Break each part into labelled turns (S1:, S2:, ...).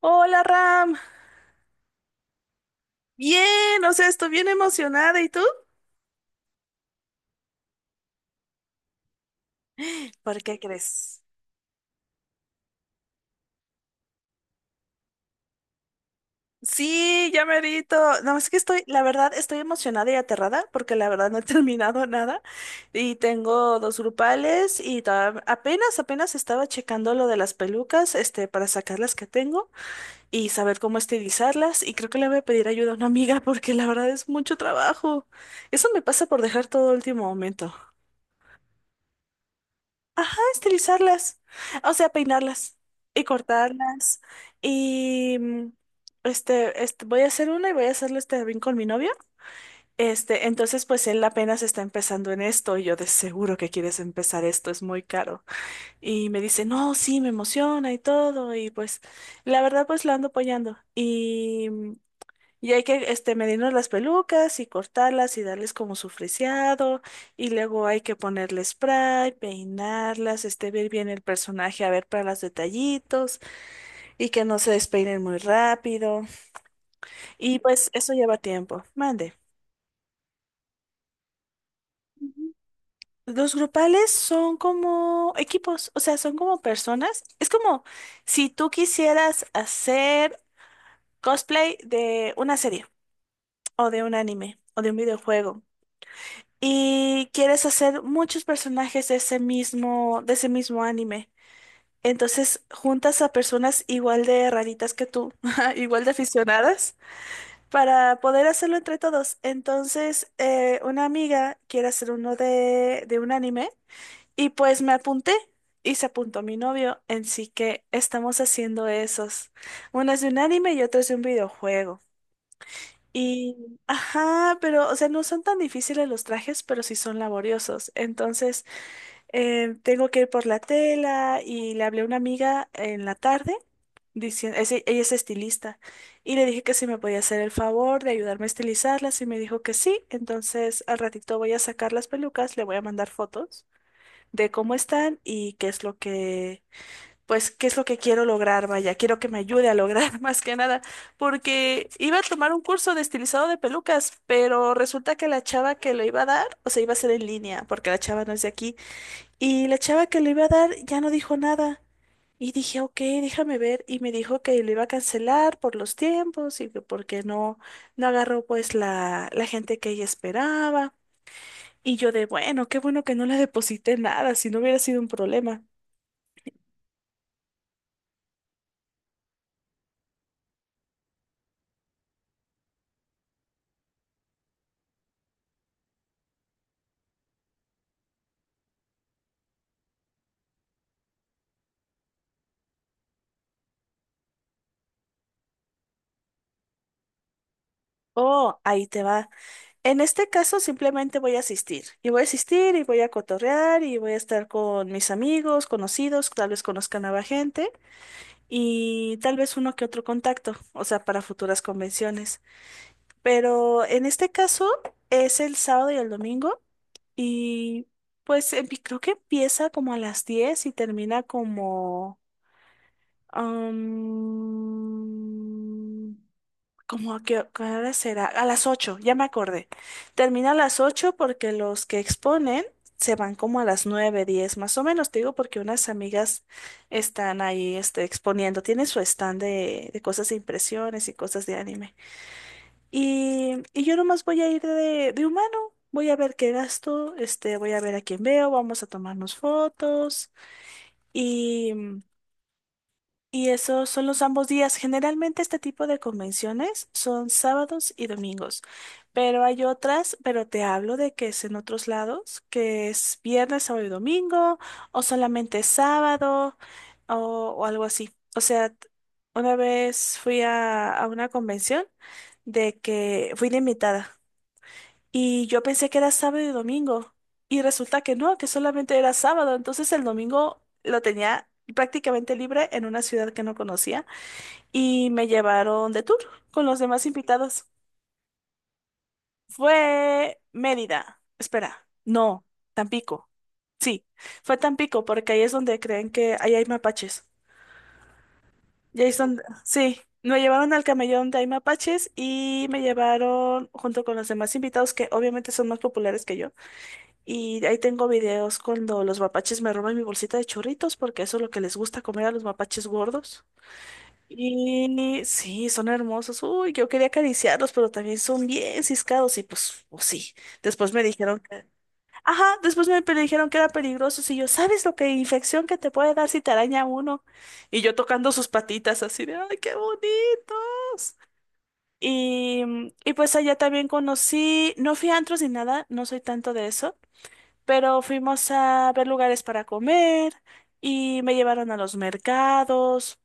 S1: Hola, Ram. Bien, o sea, estoy bien emocionada. ¿Y tú? ¿Por qué crees? Sí, ya merito. No, es que estoy, la verdad, estoy emocionada y aterrada porque la verdad no he terminado nada y tengo dos grupales y apenas estaba checando lo de las pelucas, para sacar las que tengo y saber cómo estilizarlas y creo que le voy a pedir ayuda a una amiga porque la verdad es mucho trabajo. Eso me pasa por dejar todo a último momento. Estilizarlas, o sea, peinarlas y cortarlas. Y mm, voy a hacer una y voy a hacerlo también con mi novio. Entonces, pues él apenas está empezando en esto y yo de seguro que quieres empezar esto, es muy caro. Y me dice, no, sí, me emociona y todo. Y pues la verdad, pues lo ando apoyando. Y hay que medirnos las pelucas y cortarlas y darles como su friseado. Y luego hay que ponerle spray, peinarlas, ver bien el personaje, a ver para los detallitos y que no se despeinen muy rápido. Y pues eso lleva tiempo. Mande. Los grupales son como equipos, o sea, son como personas. Es como si tú quisieras hacer cosplay de una serie o de un anime o de un videojuego. Y quieres hacer muchos personajes de ese mismo anime. Entonces juntas a personas igual de raritas que tú, igual de aficionadas, para poder hacerlo entre todos. Entonces, una amiga quiere hacer uno de un anime y pues me apunté y se apuntó mi novio, así que estamos haciendo esos. Uno es de un anime y otro es de un videojuego. Y, ajá, pero, o sea, no son tan difíciles los trajes, pero sí son laboriosos. Entonces, tengo que ir por la tela y le hablé a una amiga en la tarde, diciendo, ella es estilista, y le dije que si me podía hacer el favor de ayudarme a estilizarlas, y me dijo que sí. Entonces, al ratito voy a sacar las pelucas, le voy a mandar fotos de cómo están y ¿qué es lo que quiero lograr? Vaya, quiero que me ayude a lograr más que nada, porque iba a tomar un curso de estilizado de pelucas, pero resulta que la chava que lo iba a dar, o sea, iba a ser en línea, porque la chava no es de aquí, y la chava que lo iba a dar ya no dijo nada. Y dije, ok, déjame ver, y me dijo que lo iba a cancelar por los tiempos y que porque no agarró pues la gente que ella esperaba. Y yo de, bueno, qué bueno que no le deposité nada, si no hubiera sido un problema. Oh, ahí te va. En este caso simplemente voy a asistir y voy a cotorrear y voy a estar con mis amigos, conocidos, tal vez conozca nueva gente y tal vez uno que otro contacto, o sea, para futuras convenciones. Pero en este caso es el sábado y el domingo y pues creo que empieza como a las 10 y termina como... am, ¿cómo a qué hora será? A las 8 ya me acordé. Termina a las 8 porque los que exponen se van como a las 9 10 más o menos, te digo, porque unas amigas están ahí exponiendo. Tienen su stand de cosas de impresiones y cosas de anime. Y yo nomás voy a ir de humano. Voy a ver qué gasto, voy a ver a quién veo, vamos a tomarnos fotos y esos son los ambos días. Generalmente este tipo de convenciones son sábados y domingos, pero hay otras, pero te hablo de que es en otros lados, que es viernes, sábado y domingo, o solamente sábado, o, o algo así. O sea, una vez fui a una convención de que fui de invitada. Y yo pensé que era sábado y domingo. Y resulta que no, que solamente era sábado. Entonces el domingo lo tenía prácticamente libre en una ciudad que no conocía. Y me llevaron de tour con los demás invitados. Fue Mérida. Espera, no, Tampico. Sí, fue Tampico porque ahí es donde creen que ahí hay mapaches. Y ahí es donde, sí, me llevaron al camellón de hay mapaches y me llevaron junto con los demás invitados que obviamente son más populares que yo. Y ahí tengo videos cuando los mapaches me roban mi bolsita de churritos, porque eso es lo que les gusta comer a los mapaches gordos. Y sí, son hermosos. Uy, yo quería acariciarlos, pero también son bien ciscados y pues, pues sí. Después me dijeron que... Ajá, después dijeron que era peligroso. Y yo, ¿sabes lo que infección que te puede dar si te araña uno? Y yo tocando sus patitas así de, ¡ay, qué bonitos! Y, y pues allá también conocí, no fui a antros ni nada, no soy tanto de eso. Pero fuimos a ver lugares para comer y me llevaron a los mercados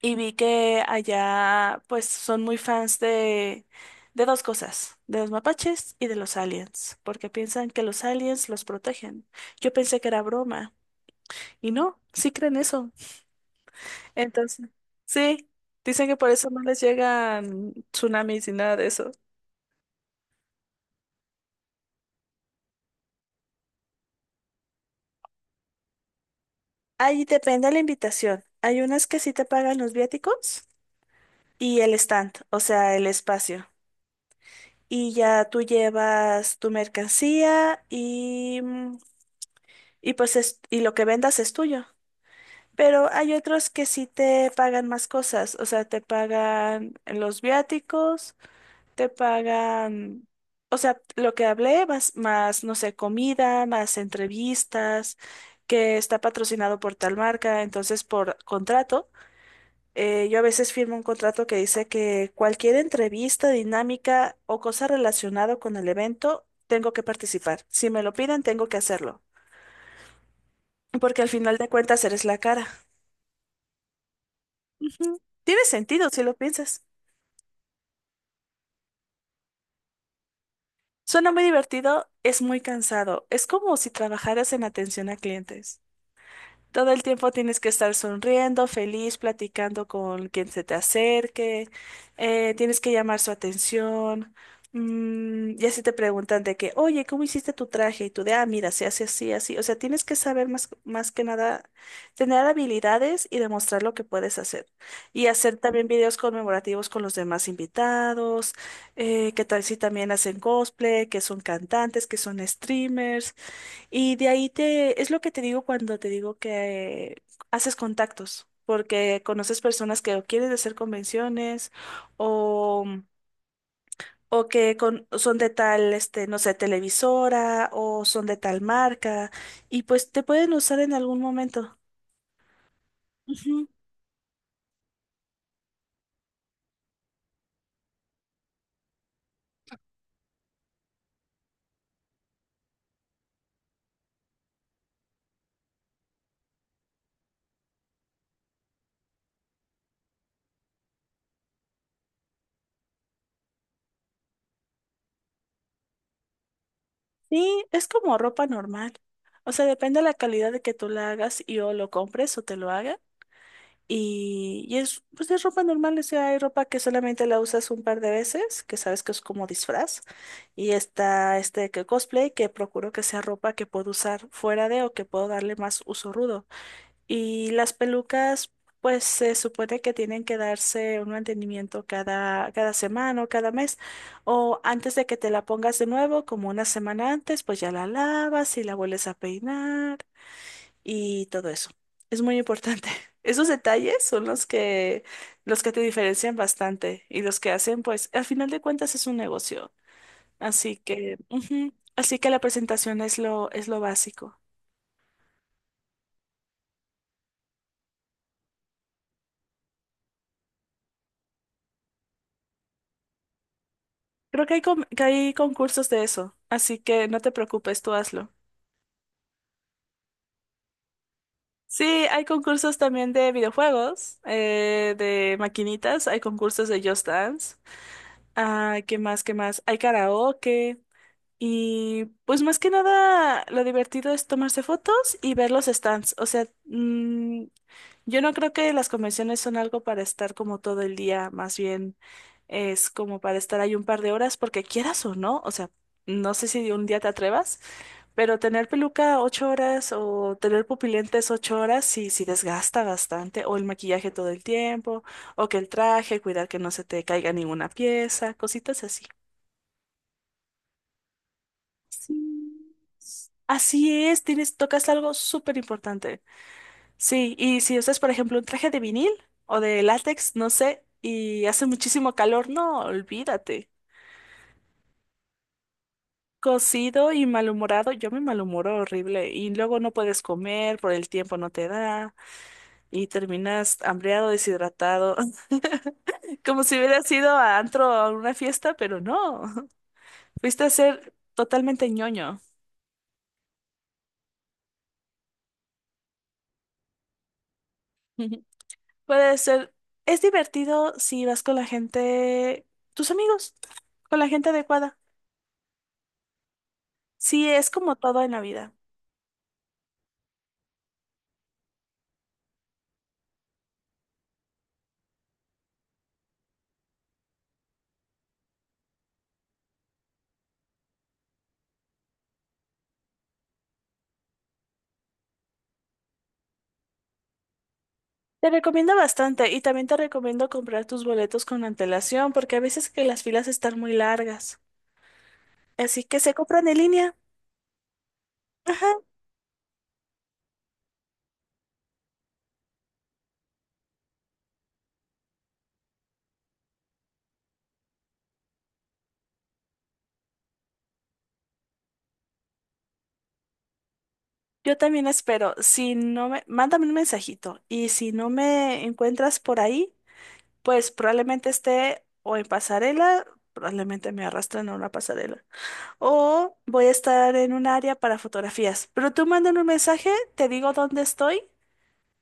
S1: y vi que allá pues son muy fans de dos cosas, de los mapaches y de los aliens, porque piensan que los aliens los protegen. Yo pensé que era broma y no, sí creen eso. Entonces, sí, dicen que por eso no les llegan tsunamis ni nada de eso. Ahí depende de la invitación. Hay unas que sí te pagan los viáticos y el stand, o sea, el espacio. Y ya tú llevas tu mercancía y, y pues y lo que vendas es tuyo. Pero hay otros que sí te pagan más cosas, o sea, te pagan los viáticos, te pagan, o sea, lo que hablé, más, no sé, comida, más entrevistas, que está patrocinado por tal marca, entonces por contrato. Yo a veces firmo un contrato que dice que cualquier entrevista, dinámica o cosa relacionada con el evento, tengo que participar. Si me lo piden, tengo que hacerlo. Porque al final de cuentas eres la cara. Ujú. Tiene sentido si lo piensas. Suena muy divertido, es muy cansado. Es como si trabajaras en atención a clientes. Todo el tiempo tienes que estar sonriendo, feliz, platicando con quien se te acerque, tienes que llamar su atención. Y así te preguntan de que, oye, ¿cómo hiciste tu traje? Y tú de, ah, mira, se hace así, así. O sea, tienes que saber más, más que nada, tener habilidades y demostrar lo que puedes hacer. Y hacer también videos conmemorativos con los demás invitados, que tal si también hacen cosplay, que son cantantes, que son streamers. Y de ahí te, es lo que te digo cuando te digo que haces contactos, porque conoces personas que o quieren hacer convenciones o, son de tal, no sé, televisora o son de tal marca y pues te pueden usar en algún momento. Ujú. Sí, es como ropa normal. O sea, depende de la calidad de que tú la hagas y o lo compres o te lo hagas. Y es ropa normal, o sea, hay ropa que solamente la usas un par de veces, que sabes que es como disfraz. Y está este que cosplay, que procuro que sea ropa que puedo usar fuera de o que puedo darle más uso rudo. Y las pelucas, pues se supone que tienen que darse un mantenimiento cada semana o cada mes. O antes de que te la pongas de nuevo, como una semana antes, pues ya la lavas y la vuelves a peinar y todo eso. Es muy importante. Esos detalles son los que te diferencian bastante y los que hacen, pues, al final de cuentas es un negocio. Así que, ujú, así que la presentación es lo básico. Creo que que hay concursos de eso, así que no te preocupes, tú hazlo. Sí, hay concursos también de videojuegos, de maquinitas, hay concursos de Just Dance. Ah, ¿qué más? ¿Qué más? Hay karaoke. Y pues más que nada lo divertido es tomarse fotos y ver los stands. O sea, yo no creo que las convenciones son algo para estar como todo el día, más bien es como para estar ahí un par de horas porque quieras o no. O sea, no sé si un día te atrevas, pero tener peluca 8 horas o tener pupilentes 8 horas sí, sí desgasta bastante. O el maquillaje todo el tiempo, o que el traje, cuidar que no se te caiga ninguna pieza, cositas así. Sí. Así es, tienes, tocas algo súper importante. Sí, y si usas, por ejemplo, un traje de vinil o de látex, no sé, y hace muchísimo calor, no, olvídate. Cocido y malhumorado, yo me malhumoro horrible y luego no puedes comer, por el tiempo no te da y terminas hambriado, deshidratado, como si hubieras ido a antro o a una fiesta, pero no, fuiste a ser totalmente ñoño. Puede ser. Es divertido si vas con la gente, tus amigos, con la gente adecuada. Sí, es como todo en la vida. Te recomiendo bastante y también te recomiendo comprar tus boletos con antelación porque a veces que las filas están muy largas. Así que se compran en línea. Ajá. Yo también espero. Si no me, mándame un mensajito y si no me encuentras por ahí, pues probablemente esté o en pasarela, probablemente me arrastren a una pasarela. O voy a estar en un área para fotografías. Pero tú mándame un mensaje, te digo dónde estoy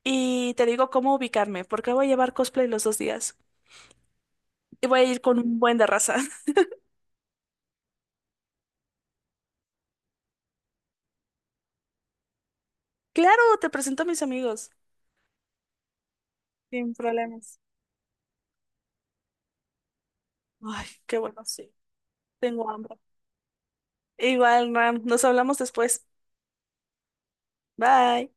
S1: y te digo cómo ubicarme, porque voy a llevar cosplay los 2 días. Y voy a ir con un buen de raza. Claro, te presento a mis amigos. Sin problemas. Ay, qué bueno, sí. Tengo hambre. Igual, Ram, nos hablamos después. Bye.